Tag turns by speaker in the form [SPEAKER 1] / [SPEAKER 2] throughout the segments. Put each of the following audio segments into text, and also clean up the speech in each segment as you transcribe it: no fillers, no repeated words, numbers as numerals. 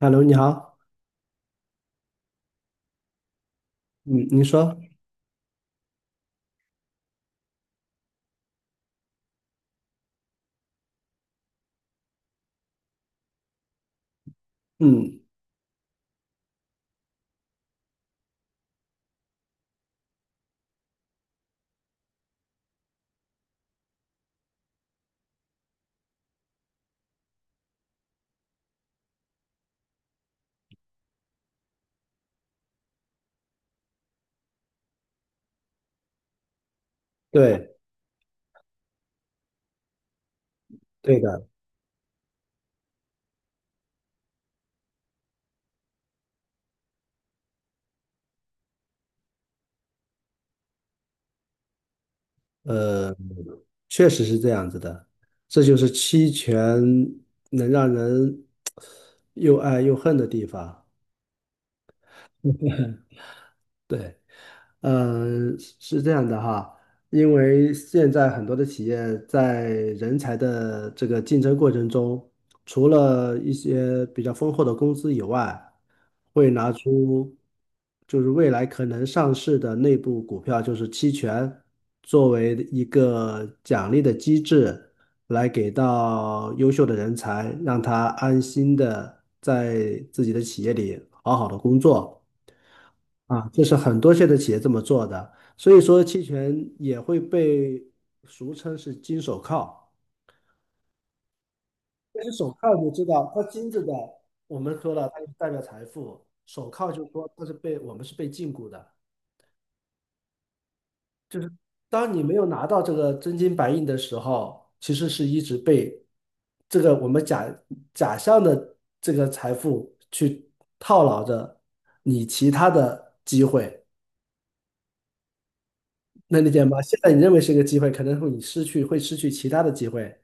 [SPEAKER 1] Hello，你好，嗯，你说，嗯，对，对的，呃，确实是这样子的，这就是期权能让人 又爱又恨的地方。对，嗯，是这样的哈，因为现在很多的企业在人才的这个竞争过程中，除了一些比较丰厚的工资以外，会拿出就是未来可能上市的内部股票，就是期权，作为一个奖励的机制，来给到优秀的人才，让他安心的在自己的企业里好好的工作。啊，这是很多现在企业这么做的，所以说期权也会被俗称是金手铐。但是手铐你知道，它金子的，我们说了，它就代表财富；手铐就是说它是被我们是被禁锢的，就是当你没有拿到这个真金白银的时候，其实是一直被这个我们假象的这个财富去套牢着你其他的机会。能理解吗？现在你认为是一个机会，可能会你失去，会失去其他的机会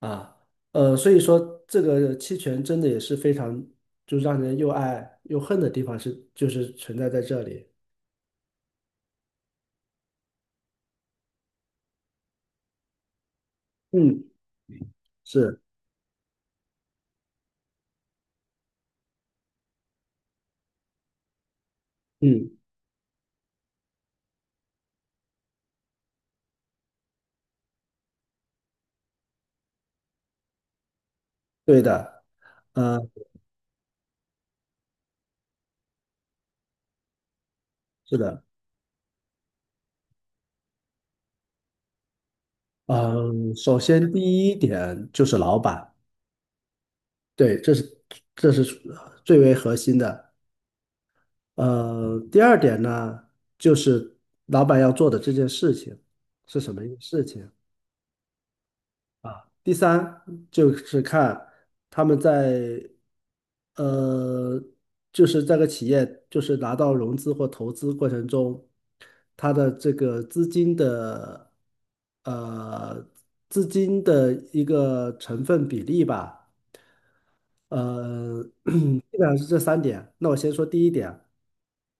[SPEAKER 1] 啊。所以说这个期权真的也是非常，就让人又爱又恨的地方是，就是存在在这里。嗯，是，嗯，对的，呃，是的，嗯，首先第一点就是老板，对，这是最为核心的。第二点呢，就是老板要做的这件事情是什么一个事情？第三就是看他们在呃，就是这个企业就是拿到融资或投资过程中，它的这个呃资金的一个成分比例吧，呃，基本上是这三点。那我先说第一点，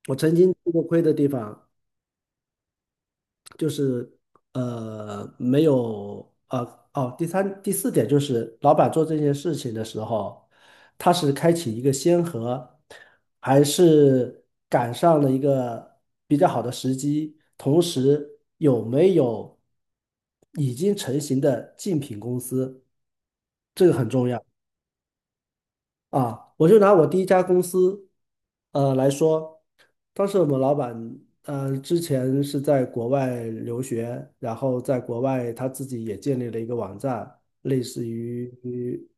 [SPEAKER 1] 我曾经吃过亏的地方就是没有第三第四点就是老板做这件事情的时候，他是开启一个先河，还是赶上了一个比较好的时机，同时有没有已经成型的竞品公司，这个很重要。啊，我就拿我第一家公司，来说，当时我们老板，之前是在国外留学，然后在国外他自己也建立了一个网站，类似于，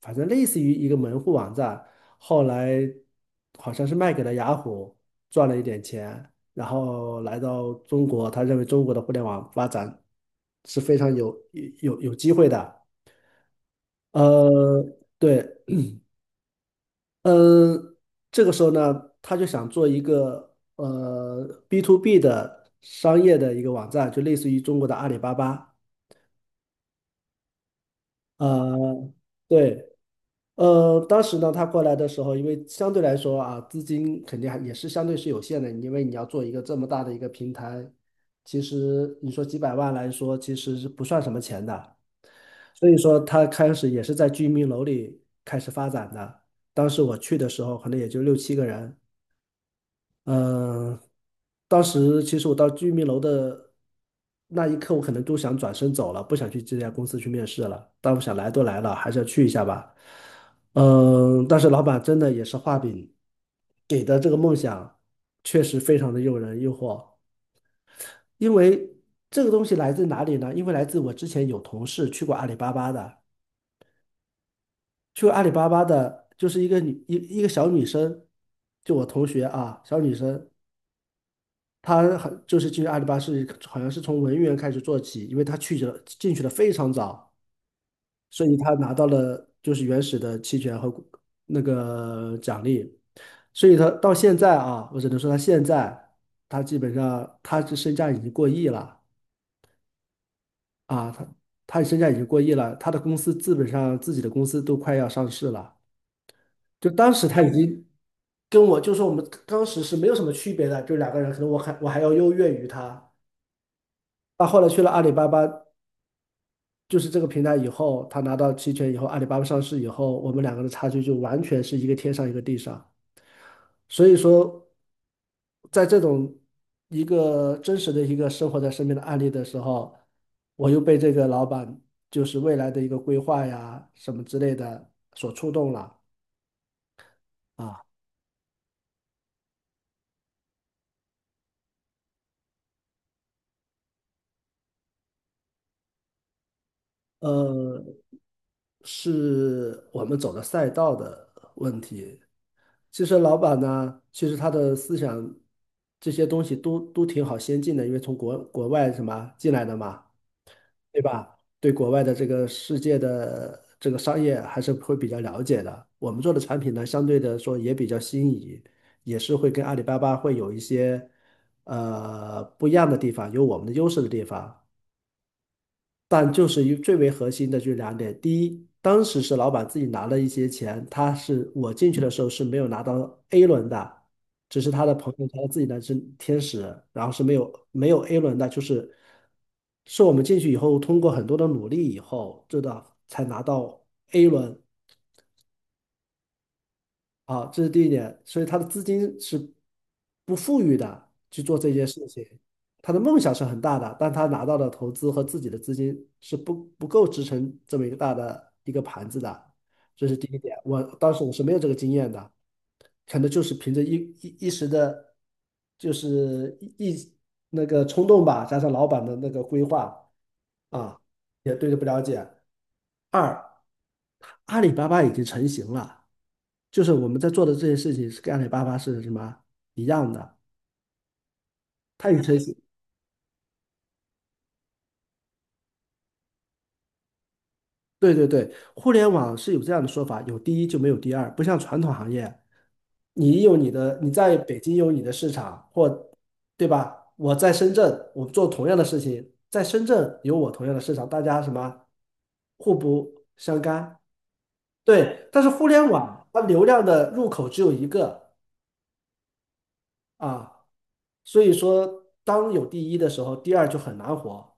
[SPEAKER 1] 反正类似于一个门户网站，后来好像是卖给了雅虎，赚了一点钱，然后来到中国，他认为中国的互联网发展是非常有机会的。呃，对，嗯，这个时候呢，他就想做一个B to B 的商业的一个网站，就类似于中国的阿里巴巴。呃，对，当时呢，他过来的时候，因为相对来说啊，资金肯定还也是相对是有限的，因为你要做一个这么大的一个平台，其实你说几百万来说，其实是不算什么钱的。所以说，他开始也是在居民楼里开始发展的。当时我去的时候，可能也就六七个人。嗯、当时其实我到居民楼的那一刻，我可能都想转身走了，不想去这家公司去面试了。但我想来都来了，还是要去一下吧。但是老板真的也是画饼给的这个梦想，确实非常的诱人诱惑。因为这个东西来自哪里呢？因为来自我之前有同事去过阿里巴巴的，就是一个小女生，就我同学啊，小女生，他好就是进实阿里巴巴是好像是从文员开始做起，因为他进去的非常早，所以他拿到了就是原始的期权和那个奖励，所以他到现在啊，我只能说他现在他基本上他这身价已经过亿了啊，他身价已经过亿了，他的公司基本上自己的公司都快要上市了。就当时他已经跟我，就说我们当时是没有什么区别的，就两个人，可能我还要优越于他。他后来去了阿里巴巴，就是这个平台以后，他拿到期权以后，阿里巴巴上市以后，我们两个的差距就完全是一个天上一个地上。所以说，在这种一个真实的一个生活在身边的案例的时候，我又被这个老板就是未来的一个规划呀什么之类的所触动了啊。呃，是我们走的赛道的问题，其实老板呢，其实他的思想这些东西都挺好先进的，因为从国外什么进来的嘛，对吧？对国外的这个世界的这个商业还是会比较了解的。我们做的产品呢，相对的说也比较新颖，也是会跟阿里巴巴会有一些不一样的地方，有我们的优势的地方。但就是最为核心的就是两点：第一，当时是老板自己拿了一些钱，他是我进去的时候是没有拿到 A 轮的，只是他的朋友他自己的是天使，然后是没有 A 轮的，就是我们进去以后通过很多的努力以后，这的才拿到 A 轮。啊，这是第一点，所以他的资金是不富裕的去做这件事情。他的梦想是很大的，但他拿到的投资和自己的资金是不够支撑这么一个大的一个盘子的，这是第一点。我当时是没有这个经验的，可能就是凭着一时的，就是那个冲动吧，加上老板的那个规划啊，也对这不了解。二，阿里巴巴已经成型了。就是我们在做的这些事情是跟阿里巴巴是什么一样的，它有腾讯，对对对，互联网是有这样的说法，有第一就没有第二，不像传统行业，你有你的，你在北京有你的市场，对吧？我在深圳，我做同样的事情，在深圳有我同样的市场，大家什么互不相干，对。但是互联网它流量的入口只有一个啊，所以说当有第一的时候，第二就很难活。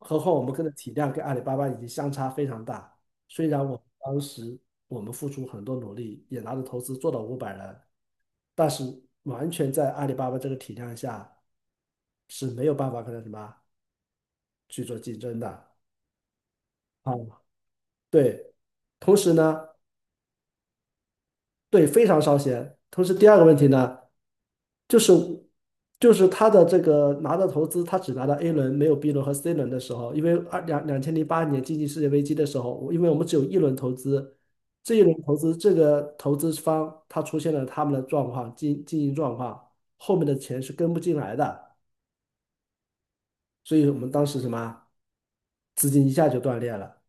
[SPEAKER 1] 何况我们跟的体量跟阿里巴巴已经相差非常大。虽然我当时我们付出很多努力，也拿着投资做到500人，但是完全在阿里巴巴这个体量下是没有办法跟它什么去做竞争的啊。对，同时呢，对，非常烧钱。同时第二个问题呢。就是就是他的这个拿到投资，他只拿到 A 轮，没有 B 轮和 C 轮的时候，因为2008年经济世界危机的时候，因为我们只有一轮投资，这一轮投资这个投资方他出现了他们的状况经经营状况，后面的钱是跟不进来的，所以我们当时什么资金一下就断裂了。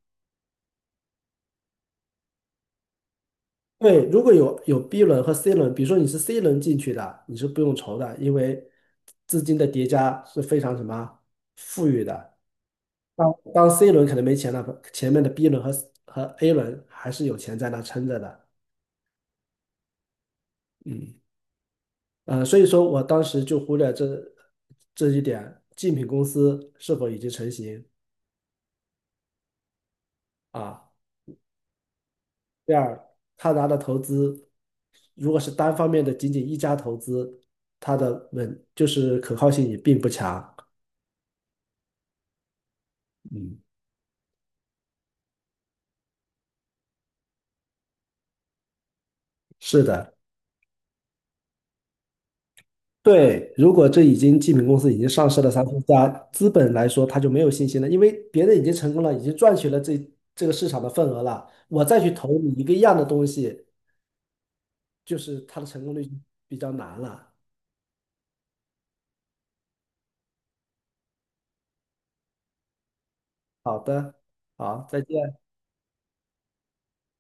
[SPEAKER 1] 对，如果有 B 轮和 C 轮，比如说你是 C 轮进去的，你是不用愁的，因为资金的叠加是非常什么富裕的。当 C 轮可能没钱了，前面的 B 轮和 A 轮还是有钱在那撑着的。嗯，所以说我当时就忽略这一点，竞品公司是否已经成型啊？第二，他拿的投资，如果是单方面的仅仅一家投资，它的就是可靠性也并不强。嗯，是的。对，如果这已经记名公司已经上市了三四家，资本来说他就没有信心了，因为别人已经成功了，已经赚取了这个市场的份额了，我再去投你一个一样的东西，就是它的成功率就比较难了。好的，好，再见。